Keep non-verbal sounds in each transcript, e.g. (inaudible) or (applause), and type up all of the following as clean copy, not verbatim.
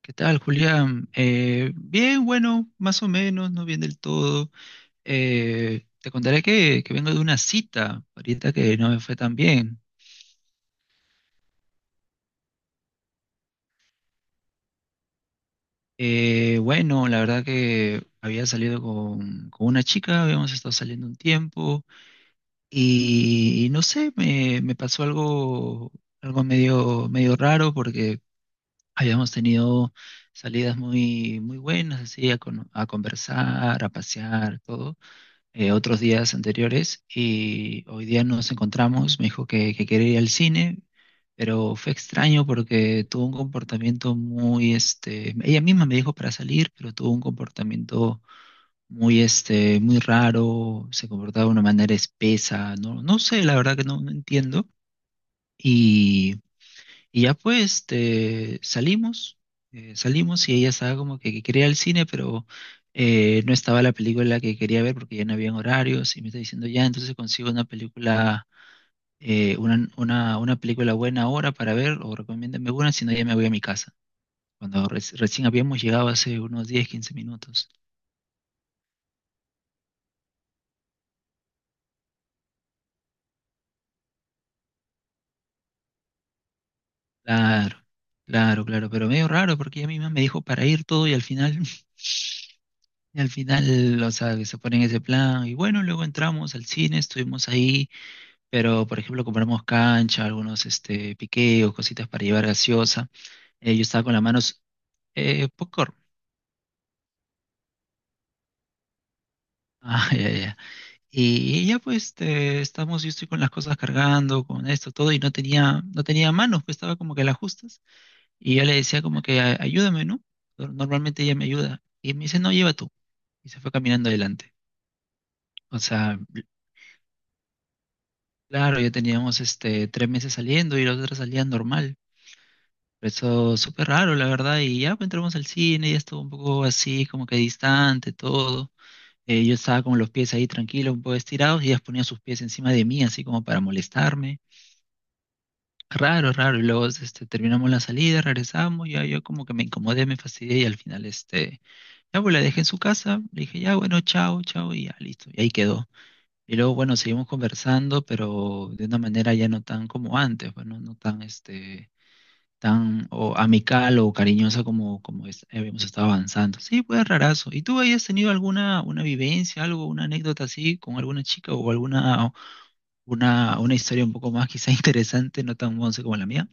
¿Qué tal, Julián? Bien, bueno, más o menos, no bien del todo. Te contaré que vengo de una cita, ahorita que no me fue tan bien. Bueno, la verdad que había salido con una chica, habíamos estado saliendo un tiempo y no sé, me pasó algo, algo medio, medio raro porque habíamos tenido salidas muy, muy buenas, así, a conversar, a pasear, todo. Otros días anteriores y hoy día nos encontramos, me dijo que quería ir al cine, pero fue extraño porque tuvo un comportamiento muy, este, ella misma me dijo para salir, pero tuvo un comportamiento muy, este, muy raro, se comportaba de una manera espesa, no, no sé, la verdad que no, no entiendo. Y y ya pues este, salimos, salimos y ella estaba como que quería ir al cine, pero no estaba la película que quería ver porque ya no habían horarios y me está diciendo, ya, entonces consigo una película, una película buena ahora para ver o recomiéndame una, si no ya me voy a mi casa. Cuando recién habíamos llegado hace unos 10 15 minutos. Claro, claro, claro, pero medio raro porque ella misma me dijo para ir todo y al final (laughs) y al final, o sea, que se ponen ese plan y bueno, luego entramos al cine, estuvimos ahí, pero por ejemplo compramos cancha, algunos este, piqueos, cositas para llevar gaseosa. Yo estaba con las manos, popcorn. Ah, (laughs) ya, ya. Y ya pues este, estamos, yo estoy con las cosas cargando, con esto, todo, y no tenía manos, pues estaba como que a las justas. Y yo le decía como que "Ayúdame, ¿no? Normalmente ella me ayuda." Y me dice, no, lleva tú. Y se fue caminando adelante. O sea, claro, ya teníamos este 3 meses saliendo y los otros salían normal. Eso súper raro, la verdad. Y ya pues, entramos al cine, ya estuvo un poco así, como que distante, todo. Yo estaba con los pies ahí tranquilos, un poco estirados, y ellas ponían sus pies encima de mí, así como para molestarme. Raro, raro. Y luego este, terminamos la salida, regresamos, ya yo como que me incomodé, me fastidié, y al final este, ya pues la dejé en su casa, le dije, ya bueno, chao, chao, y ya listo. Y ahí quedó. Y luego, bueno, seguimos conversando, pero de una manera ya no tan como antes, bueno, no tan, este, tan o amical o cariñosa como habíamos estado avanzando. Sí, pues rarazo. ¿Y tú hayas tenido alguna una vivencia, algo, una anécdota así con alguna chica o alguna una historia un poco más quizá (laughs) interesante, no tan once como la mía?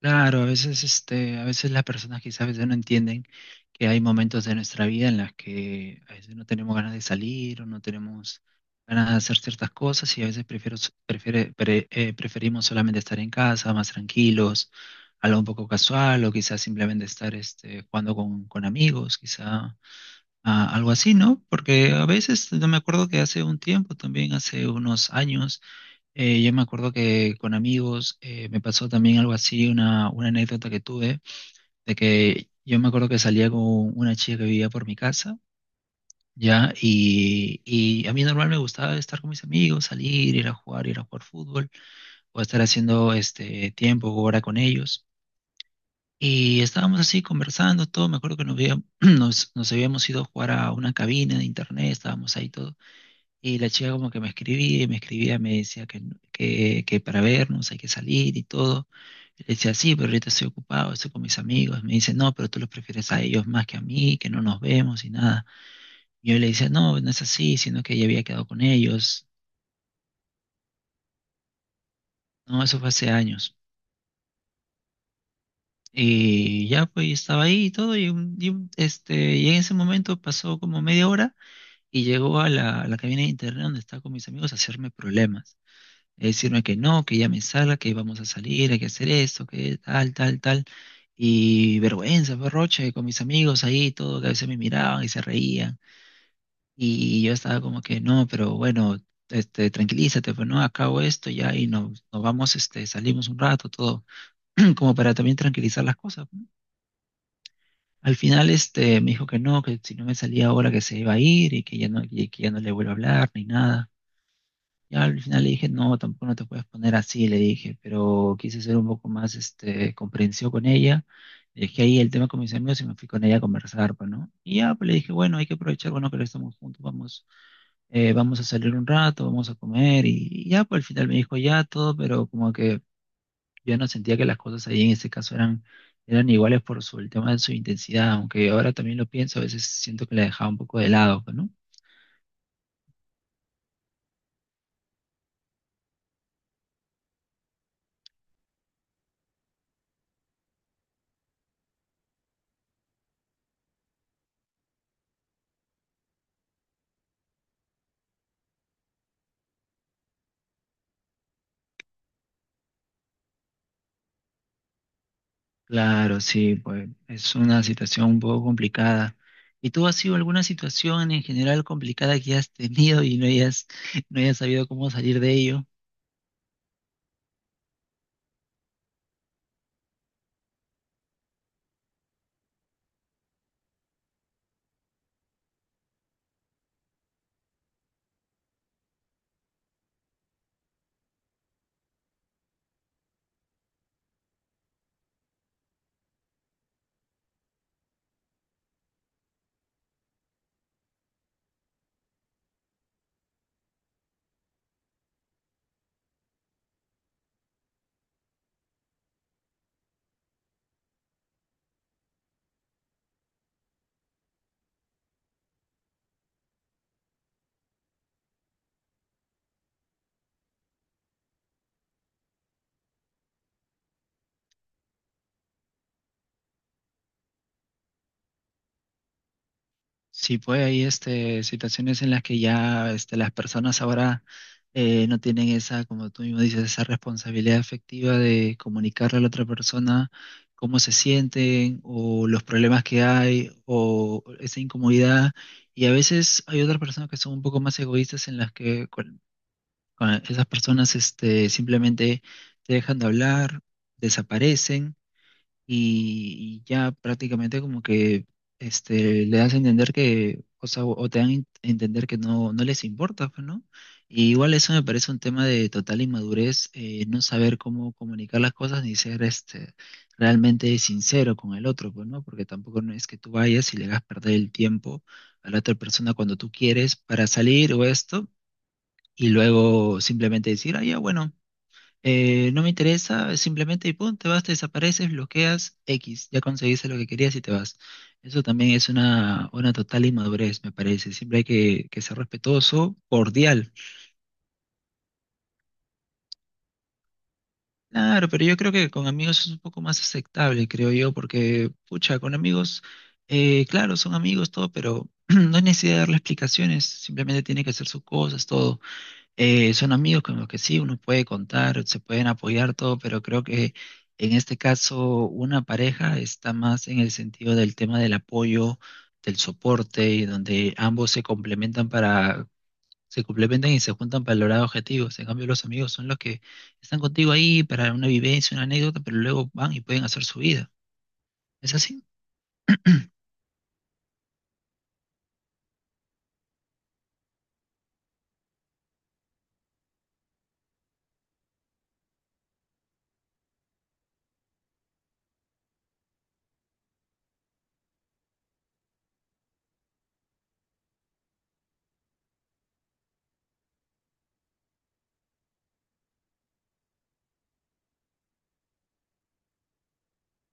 Claro, a veces, este, a veces las personas quizás a veces no entienden que hay momentos de nuestra vida en las que a veces no tenemos ganas de salir o no tenemos ganas de hacer ciertas cosas y a veces prefiero, s- prefiere- pre- preferimos solamente estar en casa, más tranquilos, algo un poco casual o quizás simplemente estar este, jugando con amigos, quizá algo así, ¿no? Porque a veces, no me acuerdo que hace un tiempo, también hace unos años, yo me acuerdo que con amigos me pasó también algo así, una anécdota que tuve, de que yo me acuerdo que salía con una chica que vivía por mi casa, ¿ya? Y a mí normal me gustaba estar con mis amigos, salir, ir a jugar fútbol, o estar haciendo este tiempo o hora con ellos. Y estábamos así conversando, todo, me acuerdo que (clears throat) nos habíamos ido a jugar a una cabina de internet, estábamos ahí todo. Y la chica como que me escribía y me escribía, me decía que para vernos hay que salir y todo. Y le decía, sí, pero ahorita estoy ocupado, estoy con mis amigos. Me dice, no, pero tú los prefieres a ellos más que a mí, que no nos vemos y nada. Y yo le decía, no, no es así, sino que ya había quedado con ellos. No, eso fue hace años. Y ya pues estaba ahí y todo, y en ese momento pasó como media hora y llegó a la cabina de internet donde estaba con mis amigos a hacerme problemas. Decirme que no, que ya me salga, que vamos a salir, hay que hacer esto, que tal, tal, tal. Y vergüenza, berroche, con mis amigos ahí, todo, que a veces me miraban y se reían. Y yo estaba como que, no, pero bueno, tranquilízate, pues no, acabo esto ya y nos vamos, salimos un rato, todo, (clears throat) como para también tranquilizar las cosas. ¿No? Al final, me dijo que no, que si no me salía ahora que se iba a ir y que ya no, y que ya no le vuelvo a hablar ni nada. Ya al final le dije, no, tampoco no te puedes poner así, le dije, pero quise ser un poco más comprensivo con ella. Le dije ahí el tema con mis amigos y me fui con ella a conversar, pues, ¿no? Y ya, pues le dije, bueno, hay que aprovechar, bueno, que ahora estamos juntos, vamos, vamos a salir un rato, vamos a comer. Y ya, pues al final me dijo ya todo, pero como que yo no sentía que las cosas ahí en ese caso eran iguales por su, el tema de su intensidad, aunque ahora también lo pienso, a veces siento que la dejaba un poco de lado, pues, ¿no? Claro, sí, pues es una situación un poco complicada. ¿Y tú has sido alguna situación en general complicada que has tenido y no hayas, (laughs) no hayas sabido cómo salir de ello? Sí, pues hay situaciones en las que ya las personas ahora no tienen esa, como tú mismo dices, esa responsabilidad afectiva de comunicarle a la otra persona cómo se sienten o los problemas que hay o esa incomodidad. Y a veces hay otras personas que son un poco más egoístas en las que, cuando esas personas simplemente te dejan de hablar, desaparecen y ya prácticamente como que le das a entender que, o sea, o te dan a entender que no, no les importa, pues, ¿no? Y igual eso me parece un tema de total inmadurez, no saber cómo comunicar las cosas ni ser realmente sincero con el otro, pues, ¿no? Porque tampoco no es que tú vayas y le hagas perder el tiempo a la otra persona cuando tú quieres para salir o esto y luego simplemente decir, ah, ya, bueno, no me interesa, simplemente y pum, te vas, te desapareces, bloqueas X, ya conseguiste lo que querías y te vas. Eso también es una total inmadurez, me parece. Siempre hay que ser respetuoso, cordial. Claro, pero yo creo que con amigos es un poco más aceptable, creo yo, porque, pucha, con amigos, claro, son amigos, todo, pero (clears throat) no hay necesidad de darle explicaciones, simplemente tiene que hacer sus cosas, todo. Son amigos con los que sí, uno puede contar, se pueden apoyar todo, pero creo que en este caso una pareja está más en el sentido del tema del apoyo, del soporte, y donde ambos se complementan para, se complementan y se juntan para lograr objetivos. En cambio, los amigos son los que están contigo ahí para una vivencia, una anécdota, pero luego van y pueden hacer su vida. ¿Es así? (clears throat)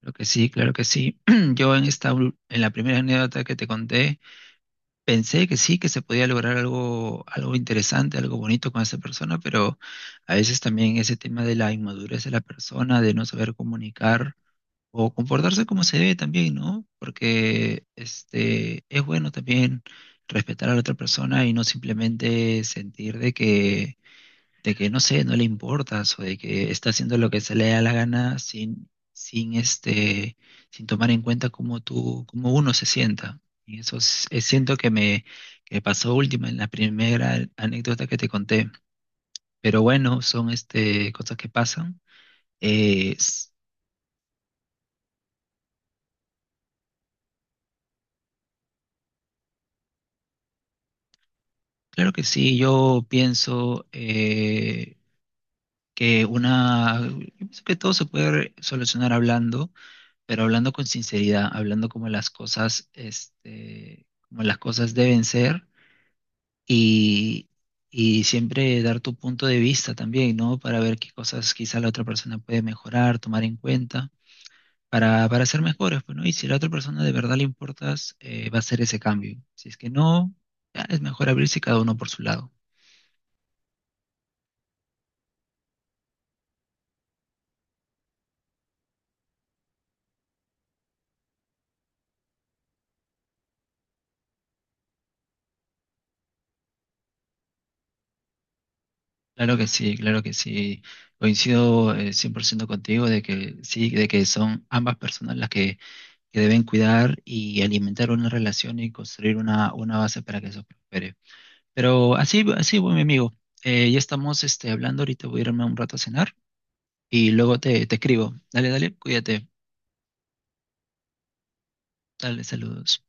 Creo que sí, claro que sí. (clears throat) Yo en esta, en la primera anécdota que te conté, pensé que sí, que se podía lograr algo, algo interesante, algo bonito con esa persona, pero a veces también ese tema de la inmadurez de la persona, de no saber comunicar o comportarse como se debe también, ¿no? Porque es bueno también respetar a la otra persona y no simplemente sentir de que no sé, no le importas o de que está haciendo lo que se le da la gana sin, sin sin tomar en cuenta cómo tú, cómo uno se sienta. Y eso siento que me que pasó última en la primera anécdota que te conté. Pero bueno, son cosas que pasan. Eh, s- claro que sí, yo pienso yo pienso que todo se puede solucionar hablando pero hablando con sinceridad, hablando como las cosas, como las cosas deben ser y, y siempre dar tu punto de vista también, ¿no? Para ver qué cosas quizá la otra persona puede mejorar, tomar en cuenta, para ser mejores, pues, ¿no? Y si a la otra persona de verdad le importas, va a hacer ese cambio. Si es que no, ya es mejor abrirse cada uno por su lado. Claro que sí, claro que sí. Coincido 100% contigo de que sí, de que son ambas personas las que deben cuidar y alimentar una relación y construir una base para que eso prospere. Pero así, así, bueno, mi amigo, ya estamos hablando, ahorita voy a irme un rato a cenar y luego te escribo. Dale, dale, cuídate, dale, saludos.